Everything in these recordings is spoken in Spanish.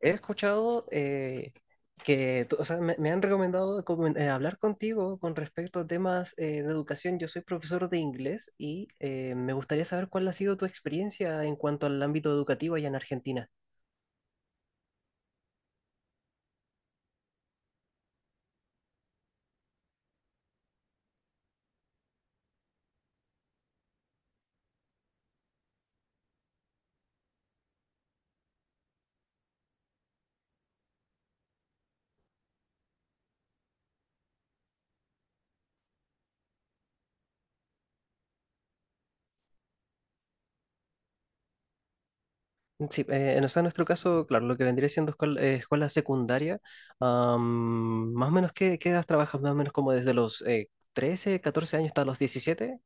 He escuchado que, tú- o sea, me han recomendado hablar contigo con respecto a temas de educación. Yo soy profesor de inglés y me gustaría saber cuál ha sido tu experiencia en cuanto al ámbito educativo allá en Argentina. Sí, en nuestro caso, claro, lo que vendría siendo escuela secundaria, más o menos, ¿qué edad trabajas? Más o menos como desde los 13, 14 años hasta los 17.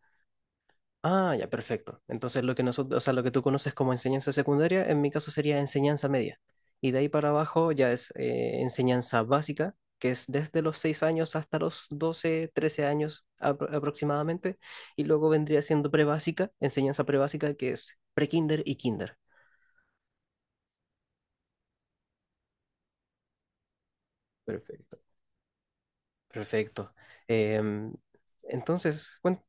Ah, ya, perfecto. Entonces lo que nosotros, o sea, lo que tú conoces como enseñanza secundaria, en mi caso sería enseñanza media. Y de ahí para abajo ya es enseñanza básica, que es desde los 6 años hasta los 12, trece años aproximadamente. Y luego vendría siendo enseñanza prebásica, que es prekinder y kinder. Perfecto. Perfecto. Em, entonces, bueno,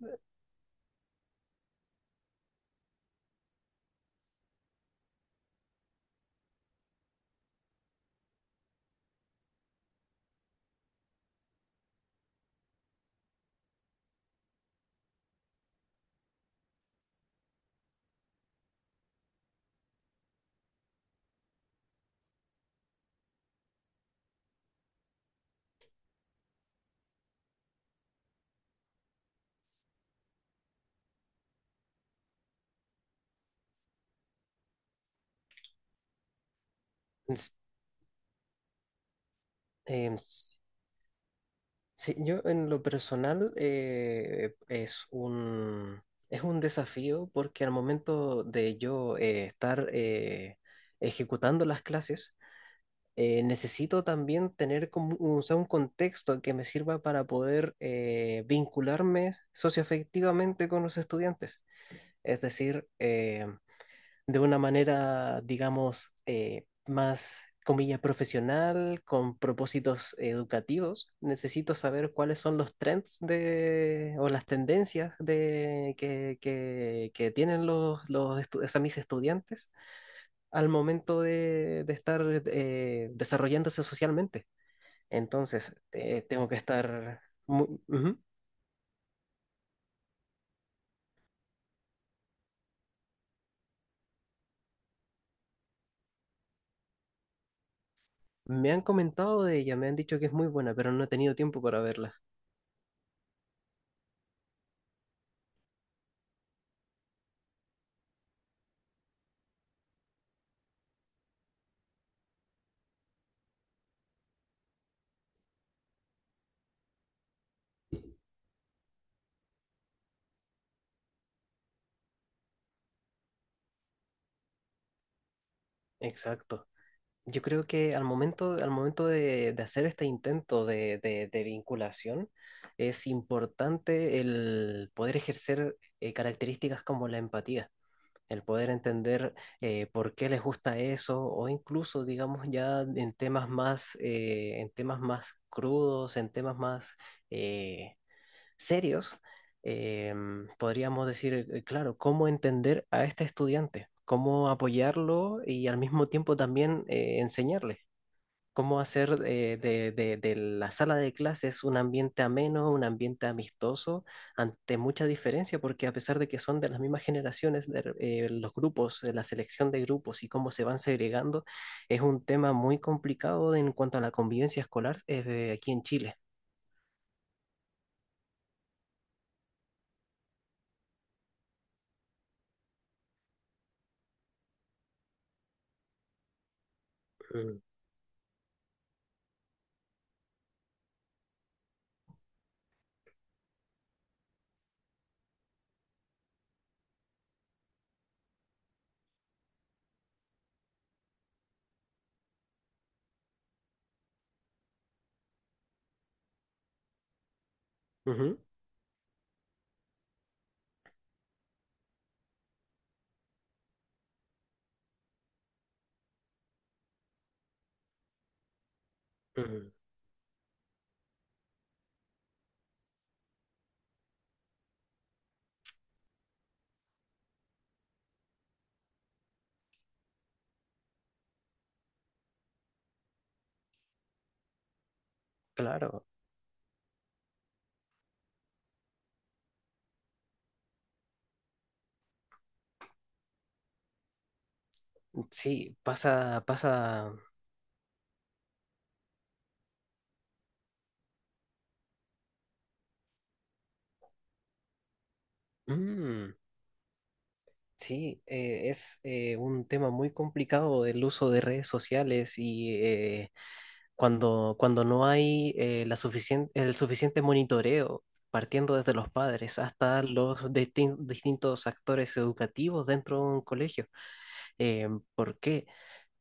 sí, yo en lo personal es un desafío porque al momento de yo estar ejecutando las clases, necesito también tener como un contexto que me sirva para poder vincularme socioafectivamente con los estudiantes. Es decir, de una manera, digamos, más, comilla, profesional, con propósitos educativos. Necesito saber cuáles son los trends de, o las tendencias de, que tienen los estu- o sea, mis estudiantes al momento de estar desarrollándose socialmente. Entonces, tengo que estar... ujú. Me han comentado de ella, me han dicho que es muy buena, pero no he tenido tiempo para verla. Exacto. Yo creo que al momento de hacer este intento de vinculación, es importante el poder ejercer características como la empatía, el poder entender por qué les gusta eso, o incluso, digamos, ya en temas más crudos, en temas más, eh, serios, eh, podríamos decir, claro, cómo entender a este estudiante, cómo apoyarlo y al mismo tiempo también enseñarle, cómo hacer de la sala de clases un ambiente ameno, un ambiente amistoso, ante mucha diferencia, porque a pesar de que son de las mismas generaciones, de los grupos, la selección de grupos y cómo se van segregando, es un tema muy complicado en cuanto a la convivencia escolar aquí en Chile. Mm, ujú, mm, claro. Sí, pasa, pasa. Mm, sí, es un tema muy complicado del uso de redes sociales y cuando no hay el suficiente monitoreo, partiendo desde los padres hasta los distintos actores educativos dentro de un colegio. Eh, ¿Por qué?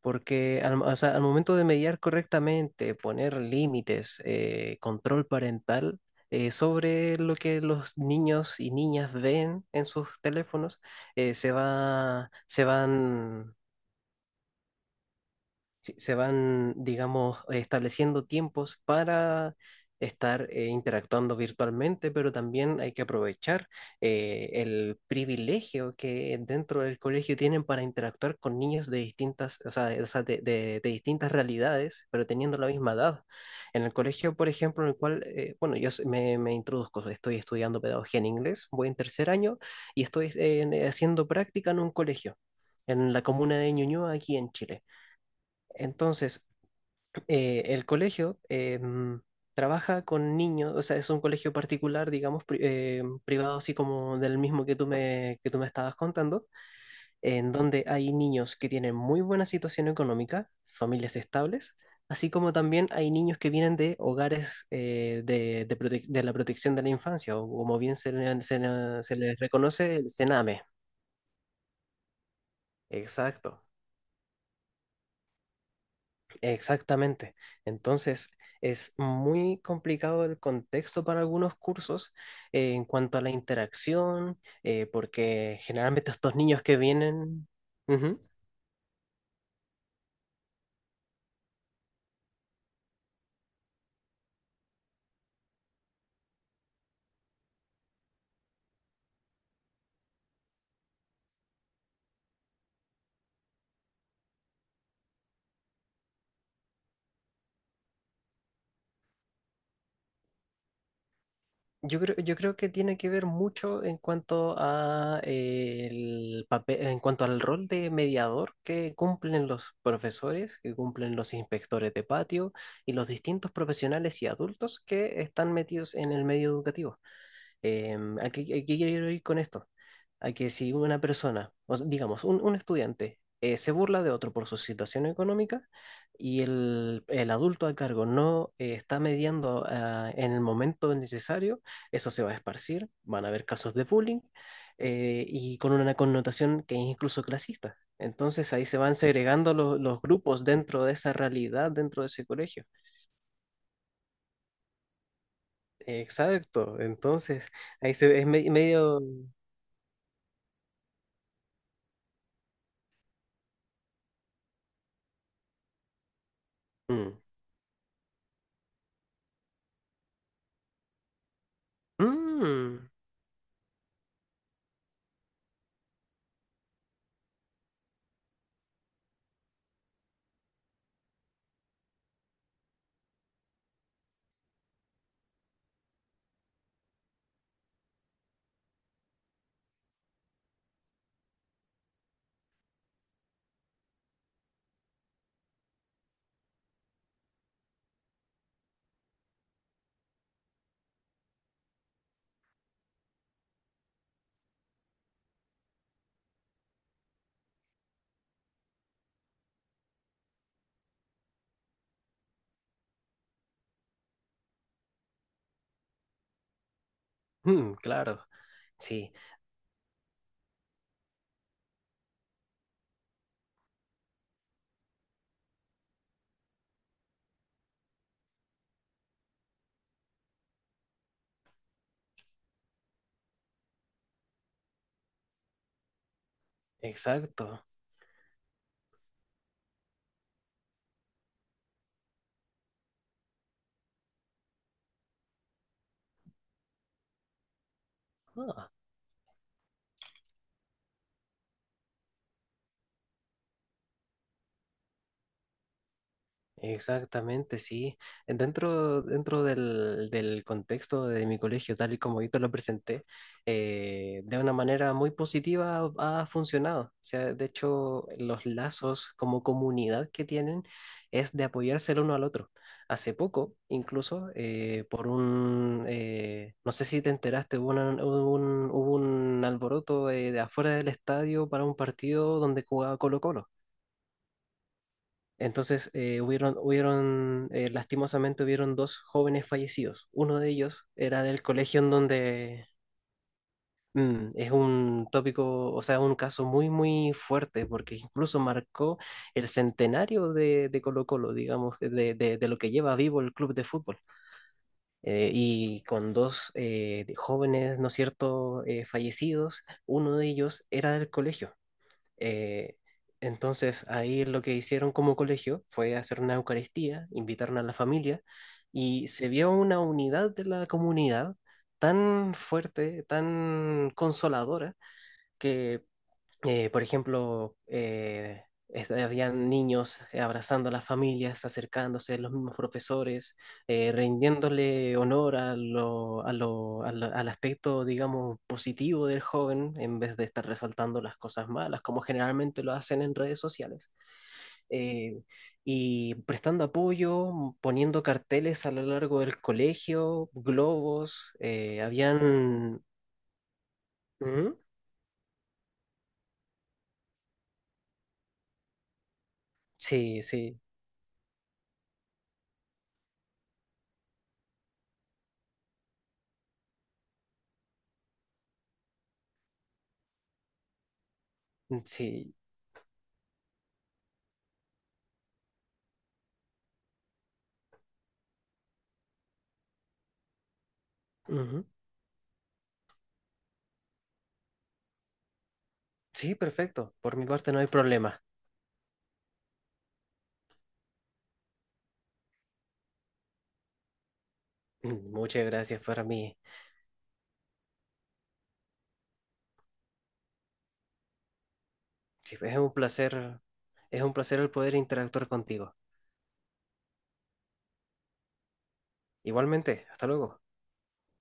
Porque al momento de mediar correctamente, poner límites, control parental sobre lo que los niños y niñas ven en sus teléfonos, se van sí, se van, digamos, estableciendo tiempos para estar interactuando virtualmente, pero también hay que aprovechar el privilegio que dentro del colegio tienen para interactuar con niños de distintas, o sea, de distintas realidades, pero teniendo la misma edad. En el colegio, por ejemplo, en el cual, bueno, me introduzco, estoy estudiando pedagogía en inglés, voy en tercer año y estoy haciendo práctica en un colegio, en la comuna de Ñuñoa, aquí en Chile. Entonces, el colegio trabaja con niños, o sea, es un colegio particular, digamos, privado, así como del mismo que que tú me estabas contando, en donde hay niños que tienen muy buena situación económica, familias estables, así como también hay niños que vienen de hogares de la protección de la infancia, o como bien se, le- se le- se les reconoce, el CENAME. Exacto. Exactamente. Entonces, es muy complicado el contexto para algunos cursos en cuanto a la interacción, porque generalmente estos niños que vienen... Ujú. Yo creo que tiene que ver mucho en cuanto a en cuanto al rol de mediador que cumplen los profesores, que cumplen los inspectores de patio y los distintos profesionales y adultos que están metidos en el medio educativo. ¿ a qué quiero ir con esto? A que si una persona, o sea, digamos, un estudiante, se burla de otro por su situación económica y el adulto a cargo no está mediando ah, en el momento necesario, eso se va a esparcir, van a haber casos de bullying y con una connotación que es incluso clasista. Entonces ahí se van segregando los grupos dentro de esa realidad, dentro de ese colegio. Exacto, entonces ahí se, medio... Mm. Mm, mm, claro, sí, exacto. Ah, exactamente, sí. Dentro del, del contexto de mi colegio, tal y como yo te lo presenté, de una manera muy positiva ha funcionado. O sea, de hecho, los lazos como comunidad que tienen es de apoyarse el uno al otro. Hace poco, incluso, no sé si te enteraste, hubo un alboroto de afuera del estadio para un partido donde jugaba Colo-Colo. Entonces, hubieron lastimosamente hubieron dos jóvenes fallecidos. Uno de ellos era del colegio en donde mm, es un tópico, o sea, un caso muy, muy fuerte, porque incluso marcó el centenario de Colo-Colo, digamos, de lo que lleva vivo el club de fútbol. Y con dos jóvenes, ¿no es cierto?, fallecidos, uno de ellos era del colegio. Eh, entonces ahí lo que hicieron como colegio fue hacer una Eucaristía, invitaron a la familia y se vio una unidad de la comunidad tan fuerte, tan consoladora, que habían niños abrazando a las familias, acercándose a los mismos profesores, rindiéndole honor a al aspecto, digamos, positivo del joven, en vez de estar resaltando las cosas malas, como generalmente lo hacen en redes sociales. Eh, y prestando apoyo, mm, poniendo carteles a lo largo del colegio, globos, habían... Ujú, sí, sí, mm, sí. Ujú. Sí, perfecto. Por mi parte no hay problema. Mm, muchas gracias para mí. Sí, es un placer el poder interactuar contigo. Igualmente, hasta luego.